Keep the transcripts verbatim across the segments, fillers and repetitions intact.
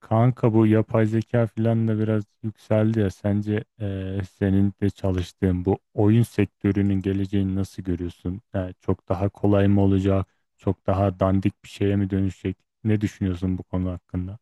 Kanka bu yapay zeka filan da biraz yükseldi ya. Sence eee, senin de çalıştığın bu oyun sektörünün geleceğini nasıl görüyorsun? Yani çok daha kolay mı olacak? Çok daha dandik bir şeye mi dönüşecek? Ne düşünüyorsun bu konu hakkında?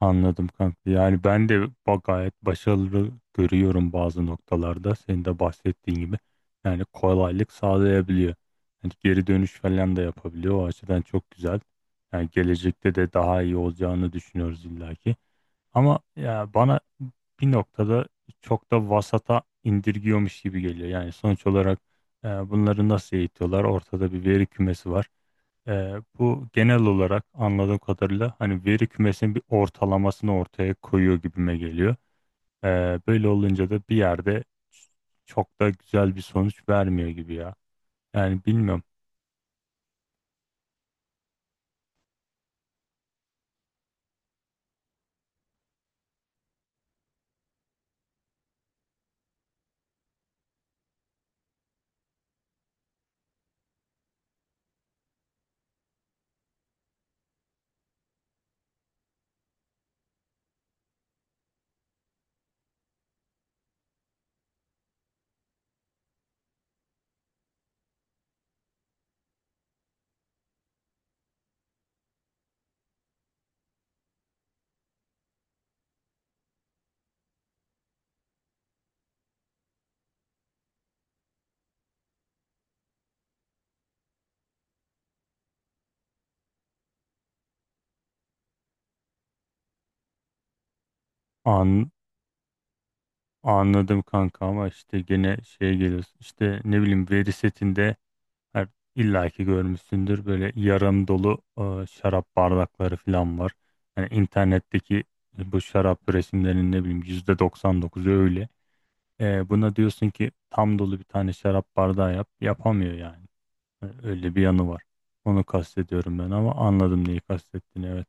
Anladım kanka. Yani ben de ba- gayet başarılı görüyorum bazı noktalarda. Senin de bahsettiğin gibi. Yani kolaylık sağlayabiliyor. Yani geri dönüş falan da yapabiliyor. O açıdan çok güzel. Yani gelecekte de daha iyi olacağını düşünüyoruz illaki. Ama ya bana bir noktada çok da vasata indirgiyormuş gibi geliyor. Yani sonuç olarak e, bunları nasıl eğitiyorlar? Ortada bir veri kümesi var. E, Bu genel olarak anladığım kadarıyla hani veri kümesinin bir ortalamasını ortaya koyuyor gibime geliyor. E, Böyle olunca da bir yerde çok da güzel bir sonuç vermiyor gibi ya. Yani bilmiyorum. An, Anladım kanka ama işte gene şeye geliyoruz. İşte ne bileyim veri setinde Her, illa ki görmüşsündür böyle yarım dolu e, şarap bardakları falan var. Yani internetteki e, bu şarap resimlerinin ne bileyim yüzde doksan dokuzu öyle. E, buna diyorsun ki tam dolu bir tane şarap bardağı yap. Yapamıyor yani. E, Öyle bir yanı var. Onu kastediyorum ben ama anladım neyi kastettiğini, evet.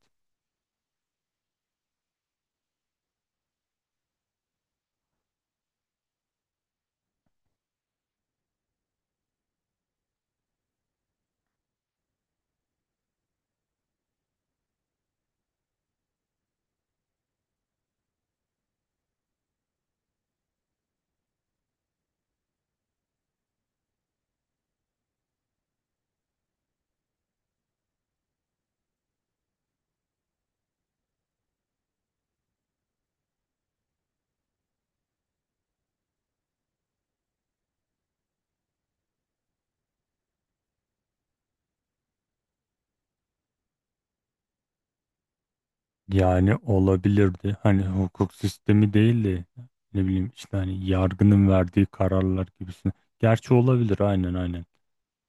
Yani olabilirdi. Hani hukuk sistemi değil de ne bileyim işte hani yargının verdiği kararlar gibisine. Gerçi olabilir, aynen aynen.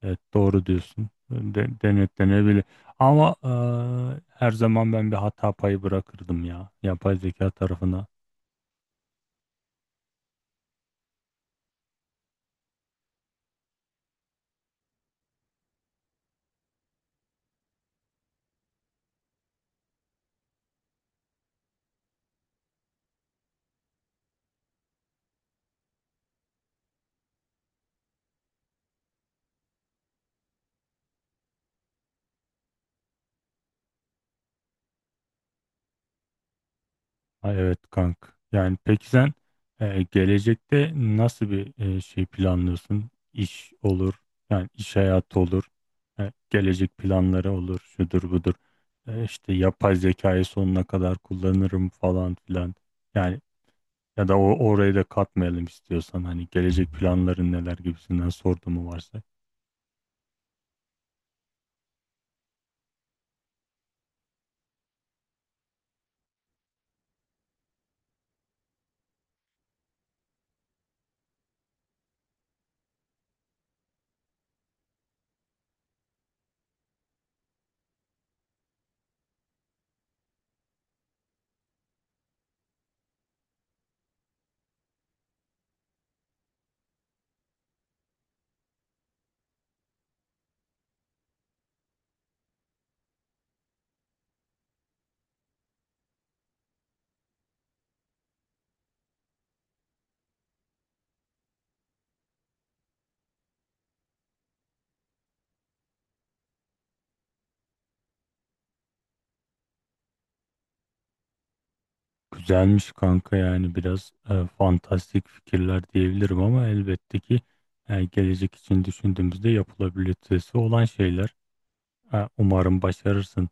Evet, doğru diyorsun. De, denetlenebilir. Ama e, her zaman ben bir hata payı bırakırdım ya. Yapay zeka tarafına. Ha, evet kank. Yani peki sen e, gelecekte nasıl bir e, şey planlıyorsun? İş olur. Yani iş hayatı olur. E, gelecek planları olur. Şudur budur. E, işte yapay zekayı sonuna kadar kullanırım falan filan. Yani ya da o, orayı da katmayalım istiyorsan. Hani gelecek planların neler gibisinden sorduğumu varsa. Güzelmiş kanka, yani biraz e, fantastik fikirler diyebilirim ama elbette ki e, gelecek için düşündüğümüzde yapılabilitesi olan şeyler. E, umarım başarırsın.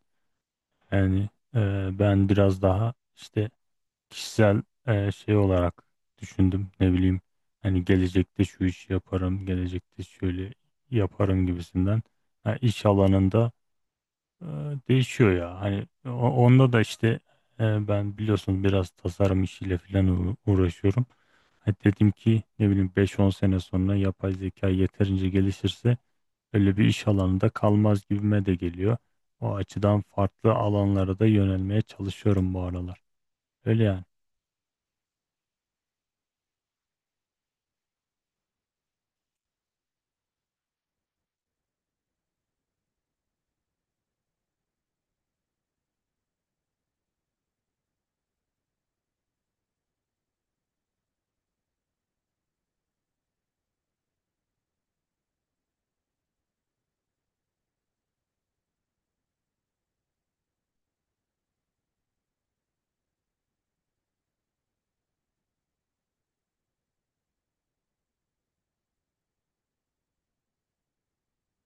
Yani e, ben biraz daha işte kişisel e, şey olarak düşündüm. Ne bileyim hani gelecekte şu işi yaparım, gelecekte şöyle yaparım gibisinden. E, iş alanında e, değişiyor ya. Hani o- onda da işte e, ben biliyorsun biraz tasarım işiyle falan uğra- uğraşıyorum. Hani dedim ki ne bileyim beş on sene sonra yapay zeka yeterince gelişirse öyle bir iş alanında kalmaz gibime de geliyor. O açıdan farklı alanlara da yönelmeye çalışıyorum bu aralar. Öyle yani.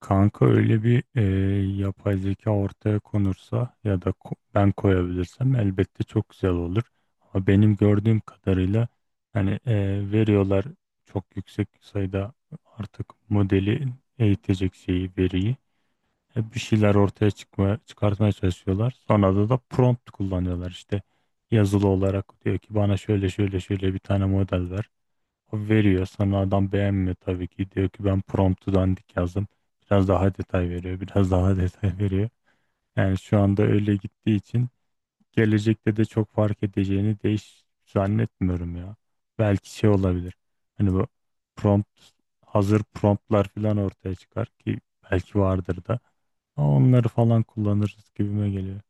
Kanka öyle bir e, yapay zeka ortaya konursa ya da ko- ben koyabilirsem elbette çok güzel olur. Ama benim gördüğüm kadarıyla hani e, veriyorlar çok yüksek sayıda artık modeli eğitecek şeyi, veriyi. E, bir şeyler ortaya çıkma, çıkartmaya çalışıyorlar. Sonra da, da prompt kullanıyorlar işte, yazılı olarak diyor ki bana şöyle şöyle şöyle bir tane model ver. Veriyor, sana adam beğenmiyor tabii ki. Diyor ki ben promptu dandik yazdım. Biraz daha detay veriyor. Biraz daha detay veriyor. Yani şu anda öyle gittiği için gelecekte de çok fark edeceğini değiş zannetmiyorum ya. Belki şey olabilir. Hani bu prompt, hazır promptlar falan ortaya çıkar ki belki vardır da. Ama onları falan kullanırız gibime geliyor.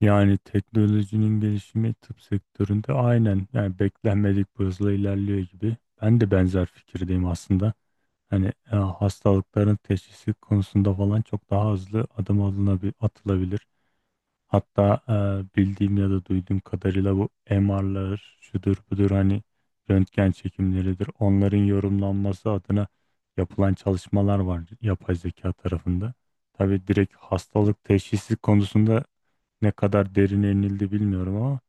Yani teknolojinin gelişimi tıp sektöründe, aynen, yani beklenmedik bir hızla ilerliyor gibi. Ben de benzer fikirdeyim aslında. Hani e, hastalıkların teşhisi konusunda falan çok daha hızlı adım alınabil atılabilir. Hatta e, bildiğim ya da duyduğum kadarıyla bu M R'lar şudur budur, hani röntgen çekimleridir. Onların yorumlanması adına yapılan çalışmalar var yapay zeka tarafında. Tabii direkt hastalık teşhisi konusunda ne kadar derine inildi bilmiyorum ama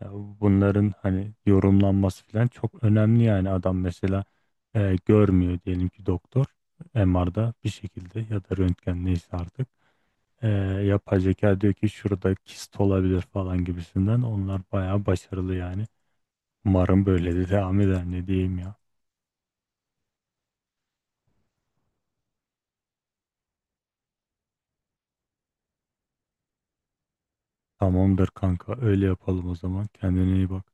ya bunların hani yorumlanması falan çok önemli. Yani adam mesela e, görmüyor diyelim ki doktor, M R'da bir şekilde ya da röntgen neyse artık, e, yapay zeka diyor ki şurada kist olabilir falan gibisinden, onlar bayağı başarılı yani. Umarım böyle de devam eder, ne diyeyim ya. Tamamdır kanka, öyle yapalım o zaman. Kendine iyi bak.